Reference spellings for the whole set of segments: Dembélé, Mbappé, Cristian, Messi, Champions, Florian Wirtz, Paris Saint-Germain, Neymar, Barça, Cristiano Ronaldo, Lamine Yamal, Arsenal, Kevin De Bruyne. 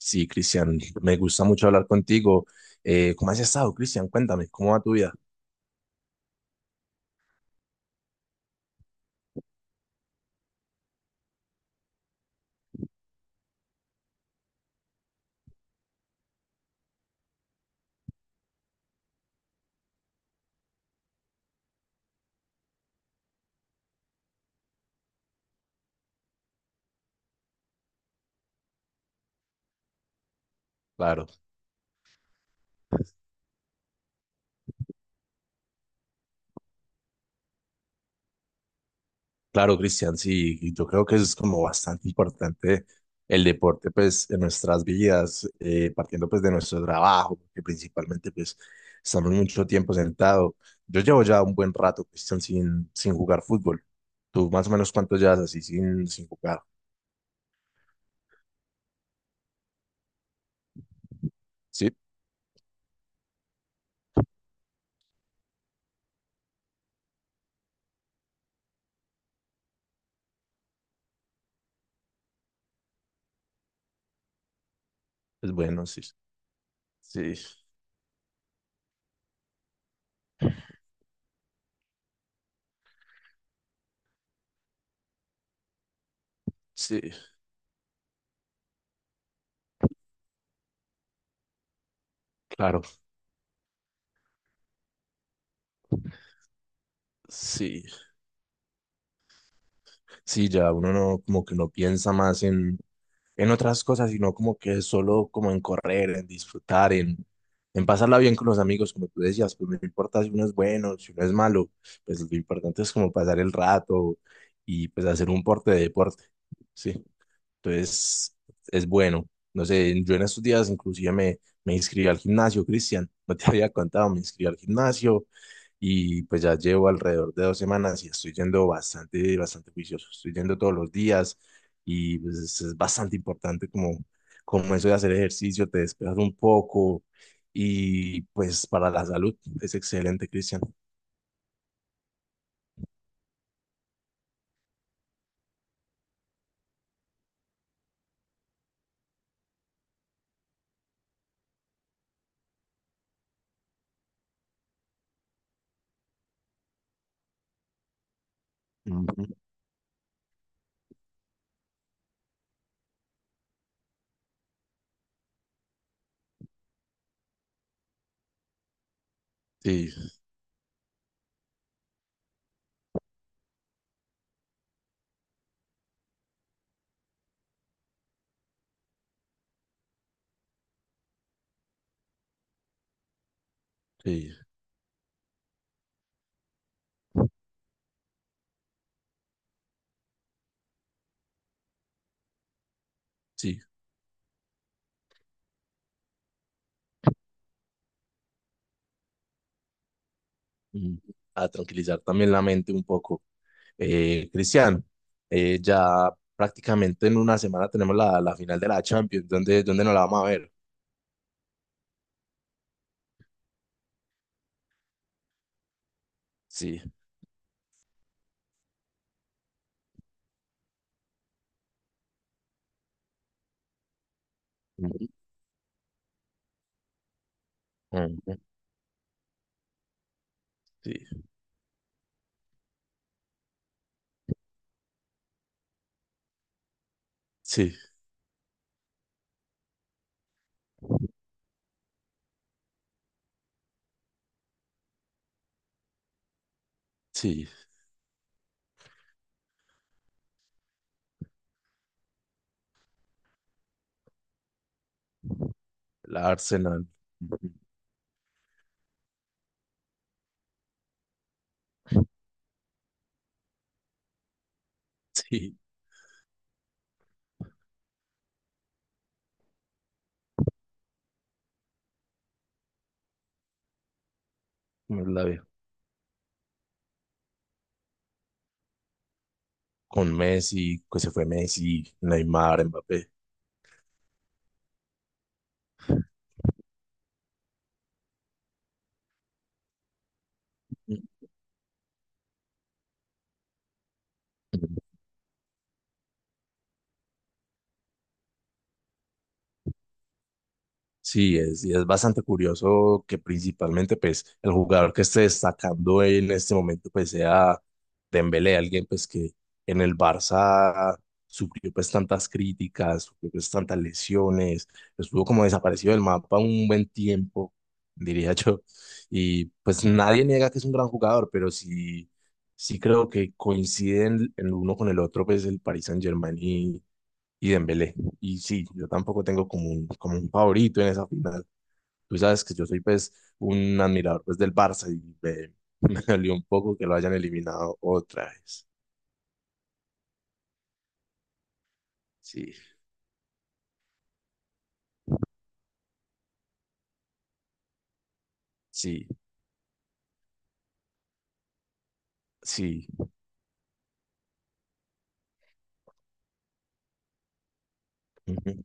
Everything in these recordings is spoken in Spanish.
Sí, Cristian, me gusta mucho hablar contigo. ¿Cómo has estado, Cristian? Cuéntame, ¿cómo va tu vida? Claro, claro, Cristian, sí, y yo creo que eso es como bastante importante el deporte, pues, en nuestras vidas, partiendo, pues, de nuestro trabajo, que principalmente, pues, estamos mucho tiempo sentado. Yo llevo ya un buen rato, Cristian, sin jugar fútbol. ¿Tú más o menos cuánto llevas así sin jugar? Sí, es bueno, sí, sí, sí, claro, sí. Sí, ya uno no, como que no piensa más en otras cosas, sino como que solo como en correr, en disfrutar, en pasarla bien con los amigos, como tú decías, pues no importa si uno es bueno, si uno es malo, pues lo importante es como pasar el rato y pues hacer un porte de deporte, sí. Entonces, es bueno. No sé, yo en estos días inclusive me inscribí al gimnasio, Cristian. No te había contado, me inscribí al gimnasio y pues ya llevo alrededor de dos semanas y estoy yendo bastante juicioso. Estoy yendo todos los días y pues es bastante importante como eso de hacer ejercicio, te despejas un poco y pues para la salud es excelente, Cristian. Ujú. Sí, sí, sí. Ujú. A tranquilizar también la mente un poco. Cristian, ya prácticamente en una semana tenemos la, la final de la Champions. Dónde nos la vamos a ver? Sí. Ujú, ujú, sí, sí, sí. La Arsenal. Ujú, Sí, no la veo. Con Messi, que se fue Messi, Neymar, Mbappé. Mm, mm, sí, y es bastante curioso que principalmente pues el jugador que esté destacando en este momento pues sea Dembélé, alguien pues que en el Barça sufrió pues tantas críticas, sufrió pues tantas lesiones, estuvo como desaparecido del mapa un buen tiempo, diría yo, y pues nadie niega que es un gran jugador, pero sí, sí creo que coinciden el uno con el otro pues el Paris Saint-Germain y Dembélé. Y sí, yo tampoco tengo como un favorito en esa final. Tú sabes que yo soy pues un admirador pues del Barça y me dolió un poco que lo hayan eliminado otra vez. Sí, sí, sí, ujú,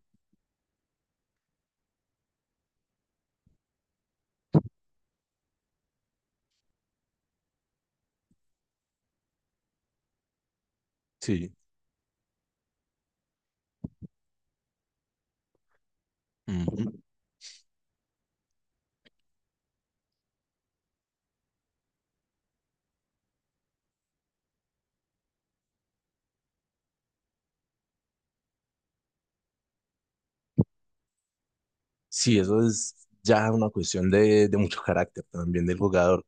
sí, ujú. Sí, eso es ya una cuestión de mucho carácter también del jugador.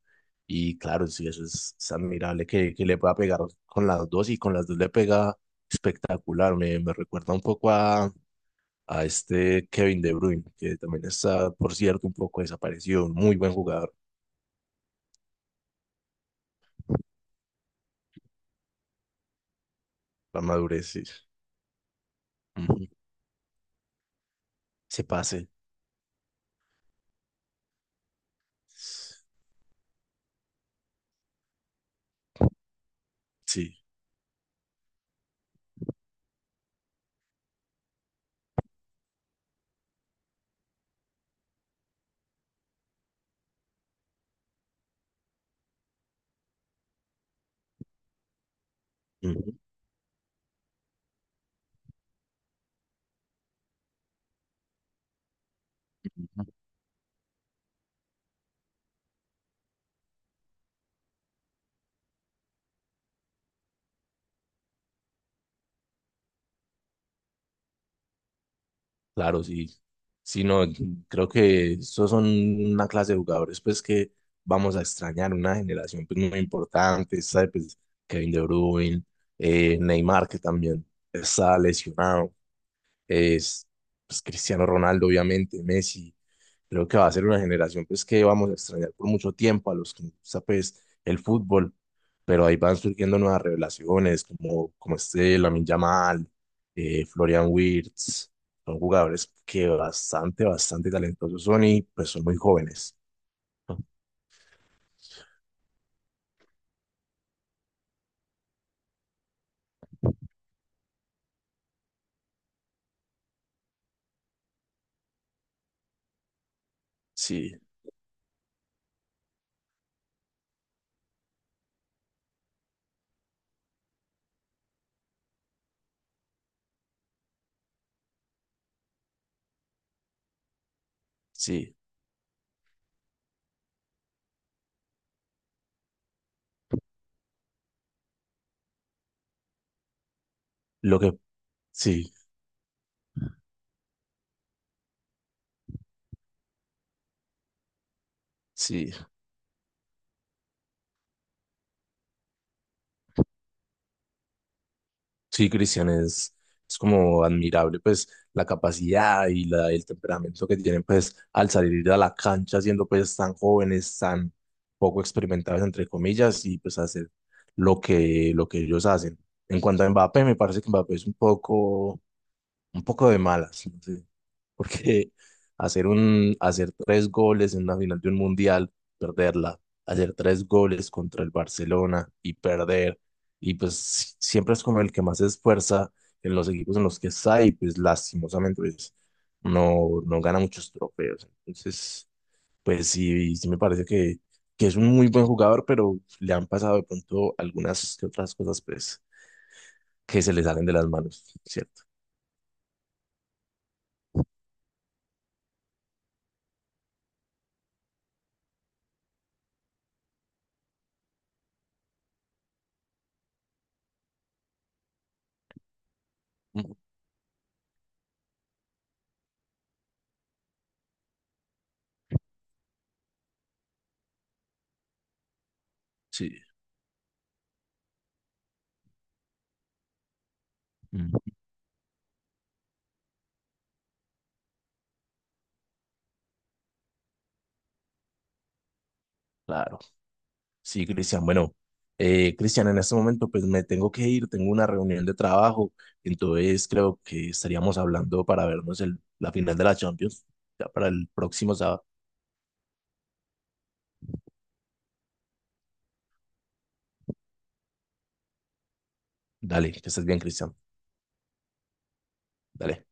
Y claro, sí, eso es admirable que le pueda pegar con las dos y con las dos le pega espectacular. Me recuerda un poco a este Kevin De Bruyne, que también está, por cierto, un poco desaparecido, un muy buen jugador, la madurez, sí. Ujú, se pase, sí. Ujú, claro, sí. Sí, no, creo que estos son una clase de jugadores pues que vamos a extrañar, una generación pues muy importante, ¿sabe? Pues Kevin De Bruyne, Neymar que también está lesionado, es pues, Cristiano Ronaldo, obviamente, Messi. Creo que va a ser una generación pues, que vamos a extrañar por mucho tiempo a los que nos gusta pues, el fútbol, pero ahí van surgiendo nuevas revelaciones, como este Lamine Yamal, Florian Wirtz. Son jugadores que bastante talentosos son y pues son muy jóvenes. ¿No? Sí, sí. Lo que, sí, sí. Sí, Cristian, es como admirable pues la capacidad y la, el temperamento que tienen pues al salir a la cancha siendo pues tan jóvenes, tan poco experimentados entre comillas y pues hacer lo que ellos hacen. En cuanto a Mbappé, me parece que Mbappé es un poco de malas. ¿No? Porque hacer un, hacer tres goles en la final de un mundial, perderla, hacer tres goles contra el Barcelona y perder, y pues si- siempre es como el que más se esfuerza en los equipos en los que está y pues lastimosamente pues no gana muchos trofeos. Entonces, pues sí, sí me parece que es un muy buen jugador, pero le han pasado de pronto algunas que otras cosas pues que se le salen de las manos, ¿cierto? Mm, sí, mm, claro. Sí, Cristian, bueno, en este momento pues me tengo que ir, tengo una reunión de trabajo, entonces creo que estaríamos hablando para vernos el, la final de la Champions, ya para el próximo sábado. Dale, que estés bien, Cristian, dale.